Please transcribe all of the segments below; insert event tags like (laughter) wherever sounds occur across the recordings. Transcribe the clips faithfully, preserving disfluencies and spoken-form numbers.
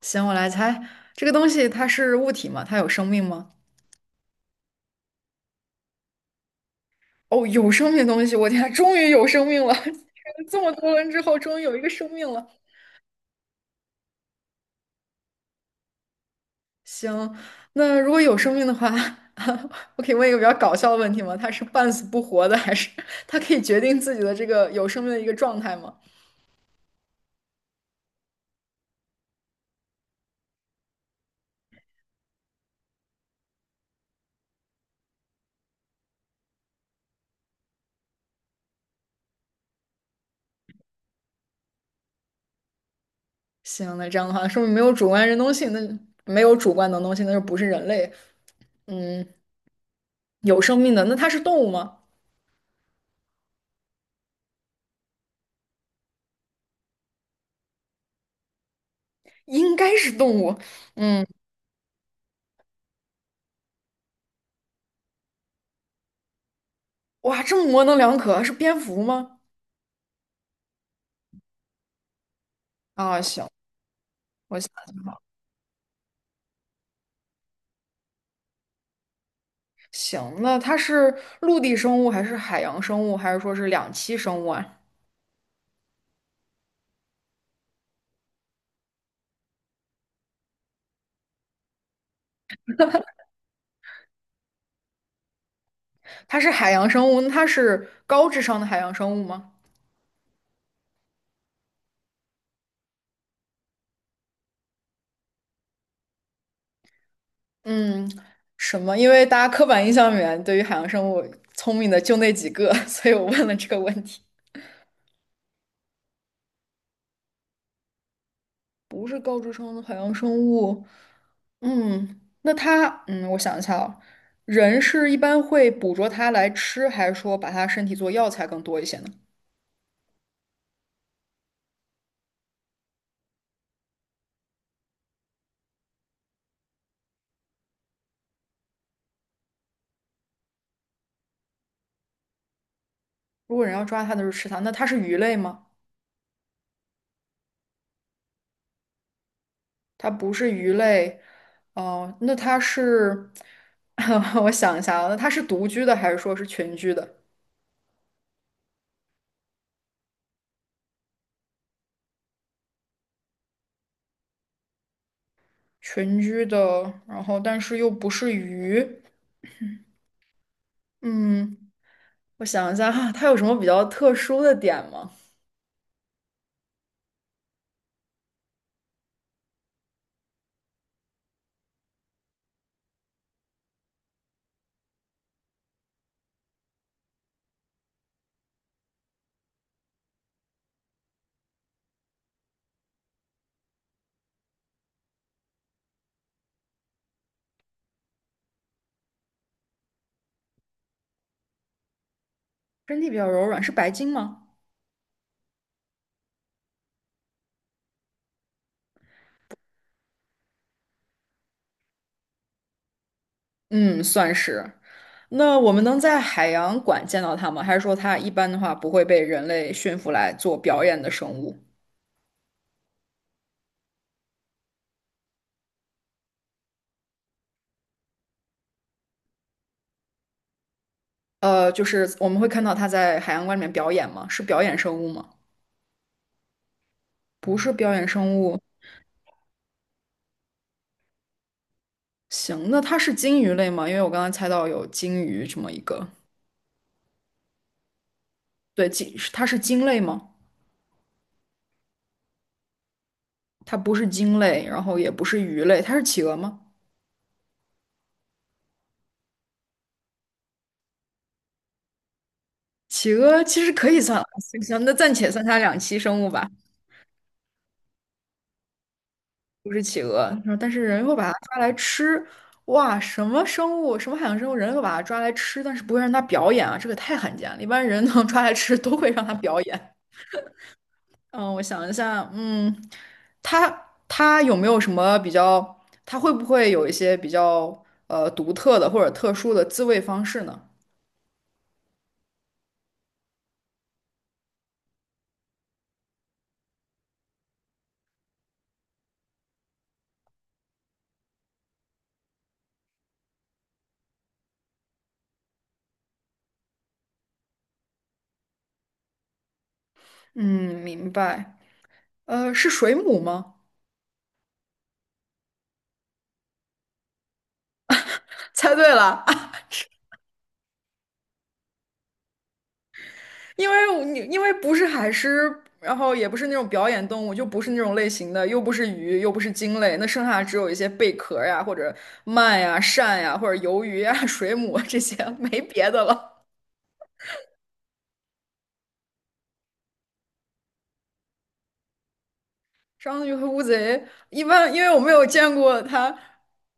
行，我来猜，这个东西它是物体吗？它有生命吗？哦，有生命的东西，我天啊 (laughs) 终于有生命了！(laughs) 这么多轮之后，终于有一个生命了。行，那如果有生命的话，(laughs) 我可以问一个比较搞笑的问题吗？它是半死不活的，还是它可以决定自己的这个有生命的一个状态吗？行，那这样的话，说明没有主观能动性，那就没有主观能动性，那就不是人类。嗯，有生命的，那它是动物吗？应该是动物。嗯。哇，这么模棱两可，是蝙蝠吗？啊，行，我想想好，行，那它是陆地生物还是海洋生物，还是说是两栖生物啊？它是海洋生物，那它是高智商的海洋生物吗？嗯，什么？因为大家刻板印象里面对于海洋生物聪明的就那几个，(laughs) 所以我问了这个问题。不是高智商的海洋生物，嗯，那它，嗯，我想一下啊，人是一般会捕捉它来吃，还是说把它身体做药材更多一些呢？如果人要抓它的是吃它，那它是鱼类吗？它不是鱼类，哦、那它是，(laughs) 我想一下啊，那它是独居的还是说是群居的？群居的，然后但是又不是鱼，嗯，我想一下哈，它有什么比较特殊的点吗？身体比较柔软，是白鲸吗？嗯，算是。那我们能在海洋馆见到它吗？还是说它一般的话不会被人类驯服来做表演的生物？呃，就是我们会看到它在海洋馆里面表演吗？是表演生物吗？不是表演生物。行，那它是鲸鱼类吗？因为我刚刚猜到有鲸鱼这么一个。对，鲸，它是鲸类吗？它不是鲸类，然后也不是鱼类，它是企鹅吗？企鹅其实可以算，行行，那暂且算它两栖生物吧，不是企鹅。然后但是人会把它抓来吃，哇，什么生物，什么海洋生物，人会把它抓来吃，但是不会让它表演啊，这个太罕见了。一般人能 (laughs) 抓来吃，都会让它表演。嗯，我想一下，嗯，它它有没有什么比较，它会不会有一些比较呃独特的或者特殊的自卫方式呢？嗯，明白。呃，是水母吗？(laughs) 猜对了，(laughs) 因为我你因为不是海狮，然后也不是那种表演动物，就不是那种类型的，又不是鱼，又不是鲸类，那剩下只有一些贝壳呀，或者鳗呀、鳝呀，或者鱿鱼呀、(laughs) 水母啊这些，没别的了。章鱼和乌贼，一般因为我没有见过它，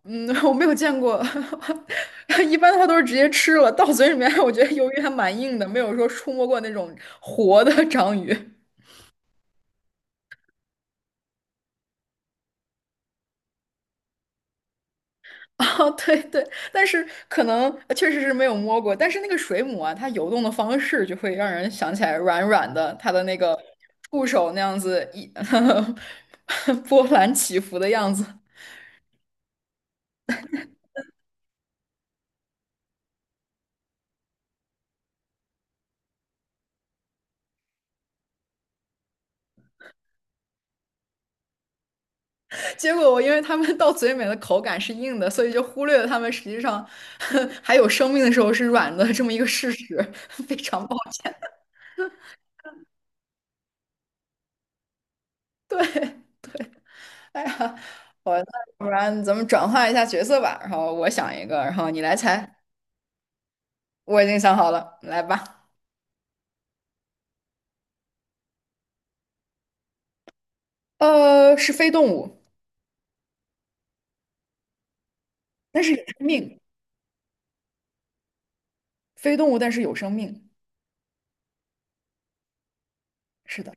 嗯，(laughs) 我没有见过，(laughs) 一般它都是直接吃了，到嘴里面，(laughs) 我觉得鱿鱼还蛮硬的，没有说触摸过那种活的章鱼。(laughs) 啊，对对，但是可能呃确实是没有摸过，但是那个水母啊，它游动的方式就会让人想起来软软的，它的那个触手那样子一 (laughs) 波澜起伏的样子。结果我因为他们到嘴里面的口感是硬的，所以就忽略了他们实际上 (laughs) 还有生命的时候是软的这么一个事实，(laughs) 非常不好。对 (laughs) 对，哎呀，我那不然咱们转换一下角色吧，然后我想一个，然后你来猜，我已经想好了，来吧。呃，是非动物，但是有生命，非动物但是有生命，是的。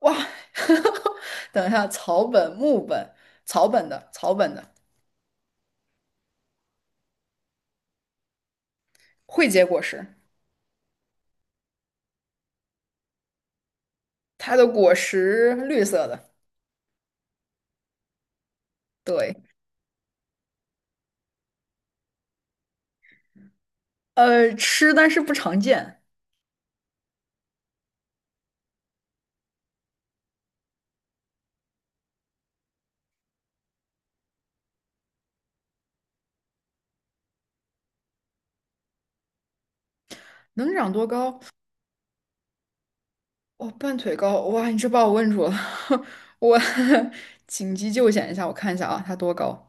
哇，(laughs) 等一下，草本、木本、草本的、草本的会结果实，它的果实绿色的。对，呃，吃但是不常见，能长多高？哦，半腿高，哇，你这把我问住了，(laughs) 我 (laughs) 紧急救险一下，我看一下啊，它多高？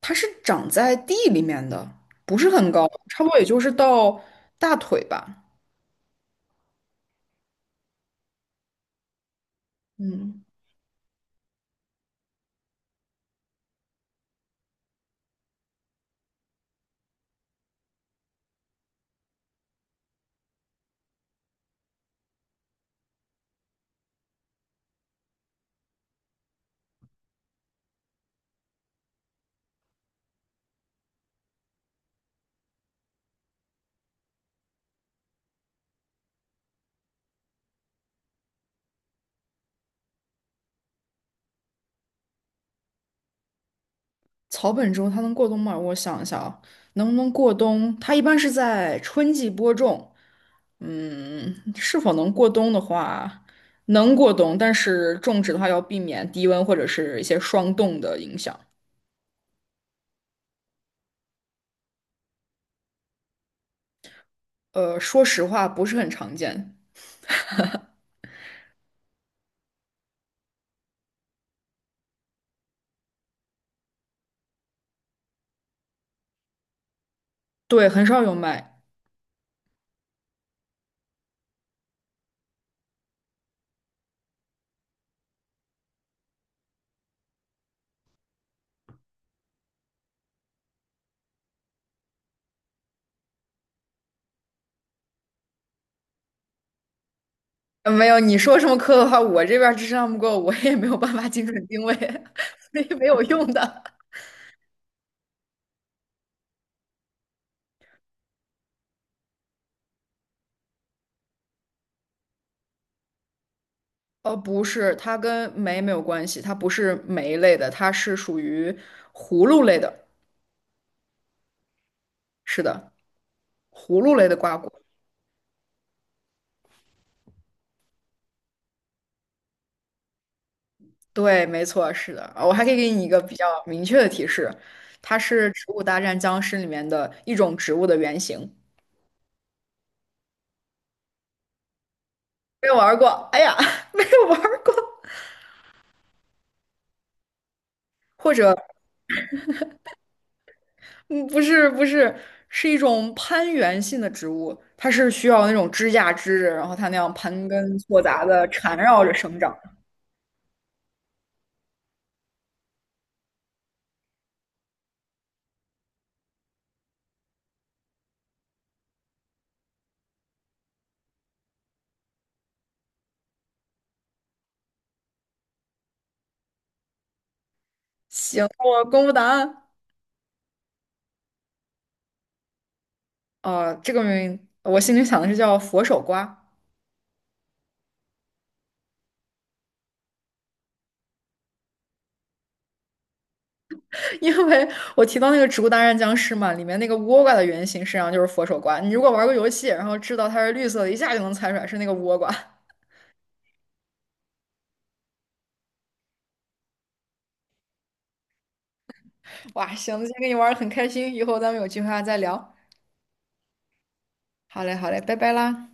它是长在地里面的，不是很高，差不多也就是到大腿吧。嗯，草本植物它能过冬吗？我想一下啊，能不能过冬？它一般是在春季播种。嗯，是否能过冬的话，能过冬，但是种植的话要避免低温或者是一些霜冻的影响。呃，说实话不是很常见，对，很少有卖。呃没有，你说什么科的话，我这边儿智商不够，我也没有办法精准定位，(laughs) 所以没有用的。呃，不是，它跟酶没有关系，它不是酶类的，它是属于葫芦类的。是的，葫芦类的瓜果。对，没错，是的。啊我还可以给你一个比较明确的提示，它是《植物大战僵尸》里面的一种植物的原型。没有玩儿过，哎呀，(laughs) 没有玩儿过。或者，嗯，不是，不是，是一种攀援性的植物，它是需要那种支架支着，然后它那样盘根错杂的缠绕着生长。我公布答案。呃，这个名我心里想的是叫佛手瓜，(laughs) 因为我提到那个《植物大战僵尸》嘛，里面那个倭瓜的原型实际上就是佛手瓜。你如果玩过游戏，然后知道它是绿色的，一下就能猜出来是那个倭瓜。(laughs) 哇，行，今天跟你玩的很开心，以后咱们有机会还再聊。好嘞，好嘞，拜拜啦。